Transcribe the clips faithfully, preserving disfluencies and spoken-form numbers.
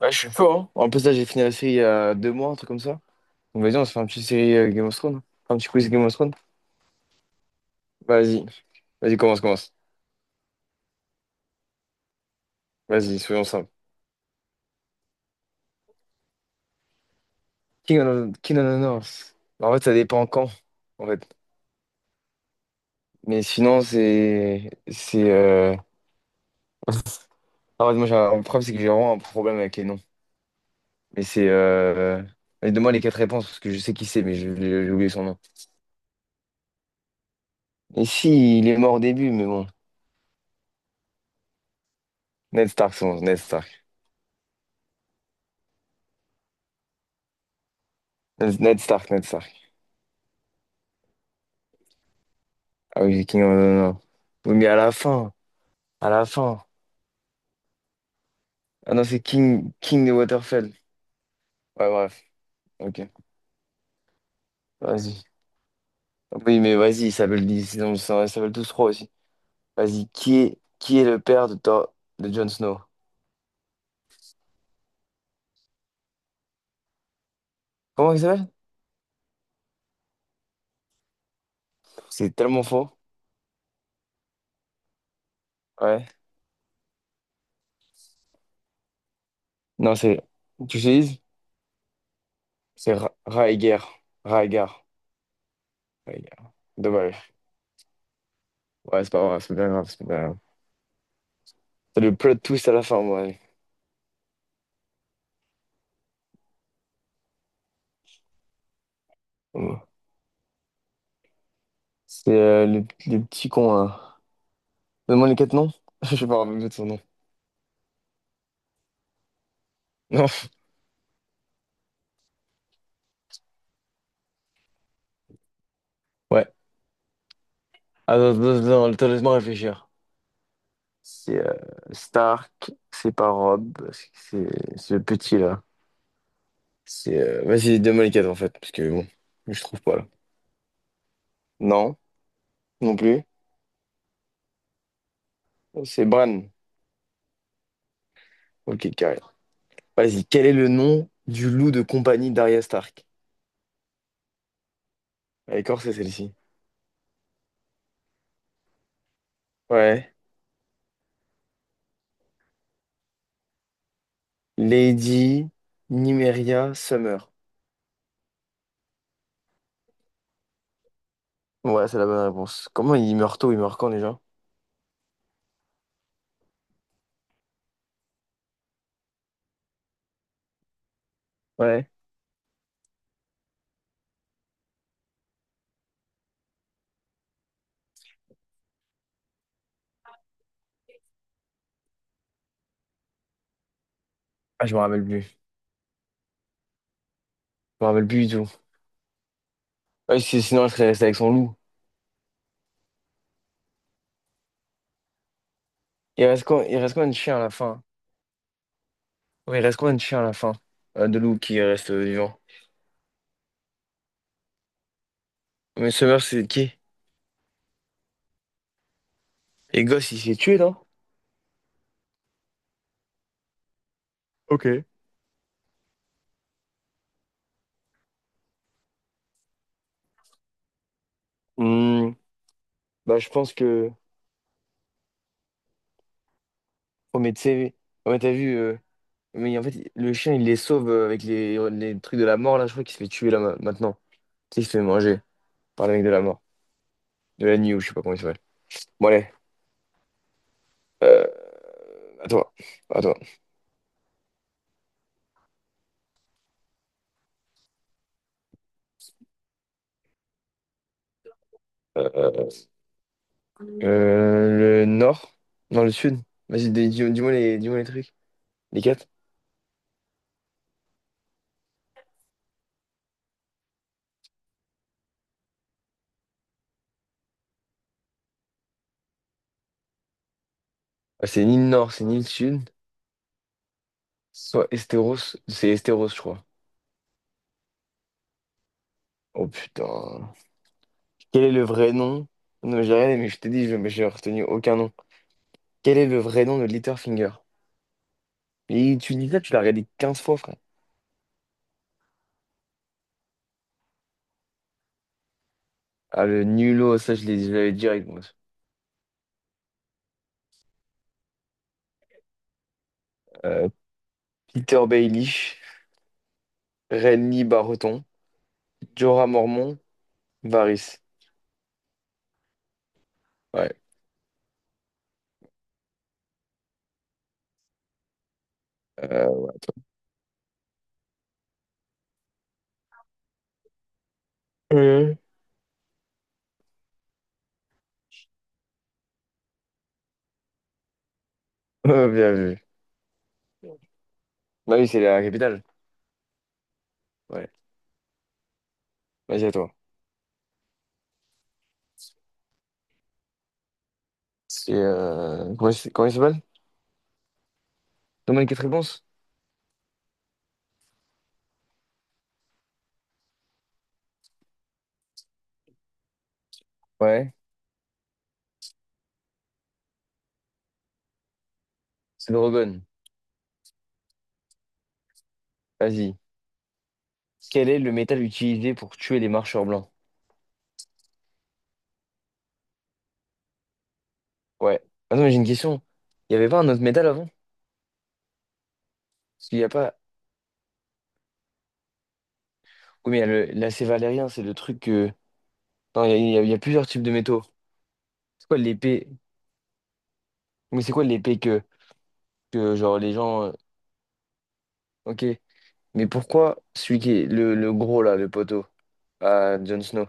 Ouais, je suis chaud, hein. En plus, là, j'ai fini la série il y a deux mois, un truc comme ça. Donc, vas-y, on se fait un petit série euh, Game of Thrones. Enfin, Un petit quiz Game of Thrones. Vas-y. Vas-y, commence, commence. Vas-y, soyons simples. King of, King of Honors. En fait, ça dépend quand, en fait. Mais sinon, c'est. C'est. euh, En fait, moi, j'ai un problème, c'est que j'ai vraiment un problème avec les noms. Mais c'est. Euh... Allez, donne-moi les quatre réponses, parce que je sais qui c'est, mais je- j'ai j'ai oublié son nom. Et si, il est mort au début, mais bon. Ned Stark, son Ned Stark. Ned Ned Stark, Ned Stark. Ah oui, c'est King, oh, non, non, non. Oui, mais à la fin, à la fin. Ah non, c'est King, King de Waterfell. Ouais, bref, ok, vas-y. Oui, mais vas-y, ils s'appellent ils sont- ils s'appellent tous trois aussi. Vas-y, qui est, qui est le père de, Thor- de Jon Snow? Comment il s'appelle? C'est tellement faux. Ouais. Non, c'est. Tu utilises? C'est Ra- Rhaegar. Rhaegar. Rhaegar. Dommage. Ouais, c'est pas grave, c'est pas grave, c'est pas grave. C'est le plot twist à la fin, moi. ouais. C'est euh, le, le petit con, là. Donne-moi les quatre noms. Je sais pas, me de son nom. Non. Ouais. Attends, attends, attends, attends, laisse-moi réfléchir. C'est euh, Stark, c'est pas Rob, c'est c'est ce petit-là. C'est euh, vas-y, donne-moi les quatre en fait, parce que bon, je trouve pas là. Non, non plus. C'est Bran. Ok, carré. Vas-y, quel est le nom du loup de compagnie d'Arya Stark? D'accord, c'est celle-ci. Ouais. Lady Nymeria Summer. Ouais, c'est la bonne réponse. Comment il meurt tôt? Il meurt quand déjà? Ouais. Ah, je me rappelle plus. Je me rappelle plus du tout. Ouais, si- sinon, elle serait restée avec son loup. Il reste quoi, il reste combien de chiens à la fin? Oui, il reste combien de chiens à la fin? Euh, de loups qui restent euh, vivants. Mais Summer, c'est qui? Et Gosse, il s'est tué, non? Ok. Hmm, Bah, je pense que. Oh, mais tu sais, oh, mais t'as vu. euh, Mais en fait, le chien, il les sauve euh, avec les, les trucs de la mort, là. Je crois qu'il se fait tuer, là, ma- maintenant. Tu sais, il se fait manger par le mec de la mort. De la nuit, ou je sais pas comment il s'appelle. Bon, allez. Euh, à toi. À toi. Euh, euh, le nord? Non, le sud. Vas-y, dis- dis- dis-moi les, dis-moi les trucs. Les quatre? Ah, c'est ni le nord, c'est ni le sud. Soit Esteros, c'est Esteros, je crois. Oh putain. Quel est le vrai nom? Non, j'ai rien. Mais je t'ai dit, je mais j'ai retenu aucun nom. Quel est le vrai nom de Littlefinger? Et tu dis ça, tu l'as regardé quinze fois, frère. Ah, le nulot, ça, je l'ai je l'avais direct, moi. Euh, Peter Baelish, Renly Barreton, Jorah Mormont, Varys. Ouais. Euh, euh, euh, Bien vu. Bah oui, c'est la capitale. Ouais. Vas-y, à toi. C'est. euh, Comment, il s- comment il s'appelle? Donne-moi les quatre réponses. Ouais. C'est Drogon. Vas-y. Quel est le métal utilisé pour tuer les marcheurs blancs? Ouais. Attends, mais j'ai une question. Il n'y avait pas un autre métal avant? Parce qu'il n'y a pas. Oui, mais il y a le- l'acé valérien, c'est le truc que. Non, il y a, il y a- il y a plusieurs types de métaux. C'est quoi l'épée? Mais c'est quoi l'épée que, que, genre, les gens. euh, Ok. Mais pourquoi celui qui est le, le gros, là, le poteau à Jon Snow?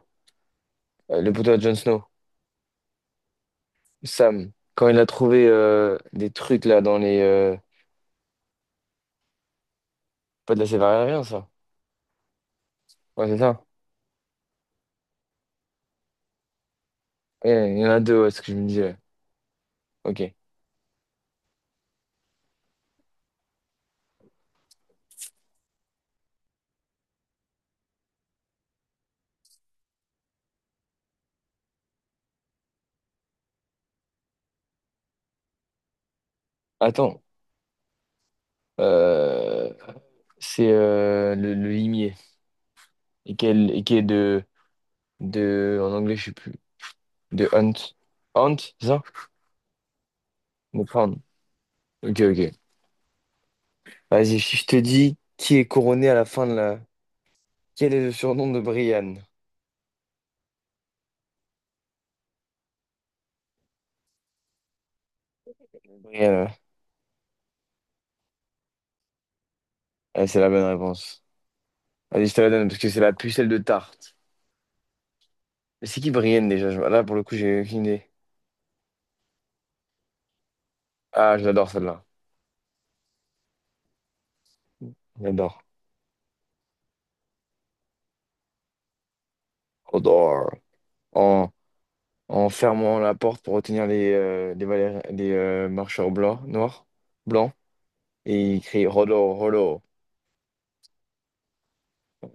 euh, Le poteau à Jon Snow, Sam, quand il a trouvé euh, des trucs, là, dans les. euh, Pas de l'acé valérien, ça. Ouais, c'est ça. Ouais, il y en a deux, ouais, c'est ce que je me disais. Ok. Attends. Euh, c'est euh, le, le limier. Et, quel, et qui est de, de. En anglais, je sais plus. De Hunt. Hunt, c'est ça? De prendre. Ok, ok. Vas-y, si je te dis qui est couronné à la fin de la. Quel est le surnom de Brian? Brian, ouais. Ouais, c'est la bonne réponse. Vas, je te la donne parce que c'est la pucelle de tarte. Mais c'est qui Brienne déjà? Je- Là, pour le coup, j'ai aucune idée. Ah, je l'adore celle-là. J'adore. J'adore. En fermant la porte pour retenir les, euh, les, valé- les, euh, marcheurs blancs, noirs, blancs, et il crie Rollo, Rollo.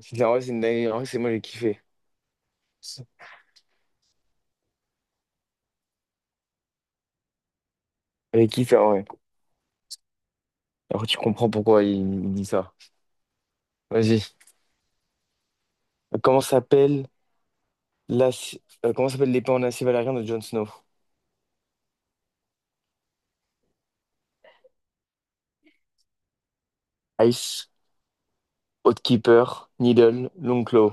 C'est en vrai, c'est une dinguerie. En vrai, c'est moi, j'ai kiffé. J'ai kiffé, en vrai. Alors, tu comprends pourquoi il, il dit ça. Vas-y. Comment s'appelle la, comment s'appelle l'épée en acier valérien de Jon Snow? Ice, Outkeeper, Needle, Longclaw.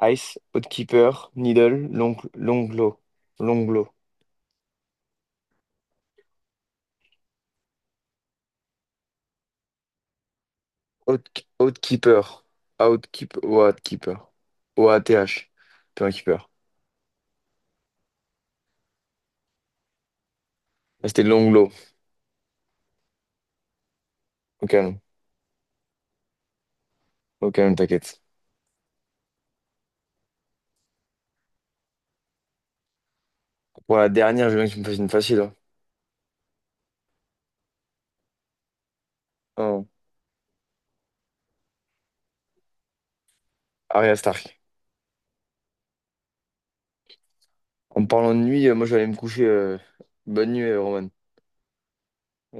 Ice, Outkeeper, Needle, Long, Longclaw. Longclaw. Out- Outkeeper. Outkeep, Outkeeper. O A T H. Puis un keeper. Ah, C'était Longlow. Au calme. Au calme, t'inquiète. Pour la dernière, je veux bien que tu me fasses une facile, hein. Oh, Arya Stark. En me parlant de nuit, euh, moi je vais aller me coucher. euh, Bonne nuit, euh, Roman.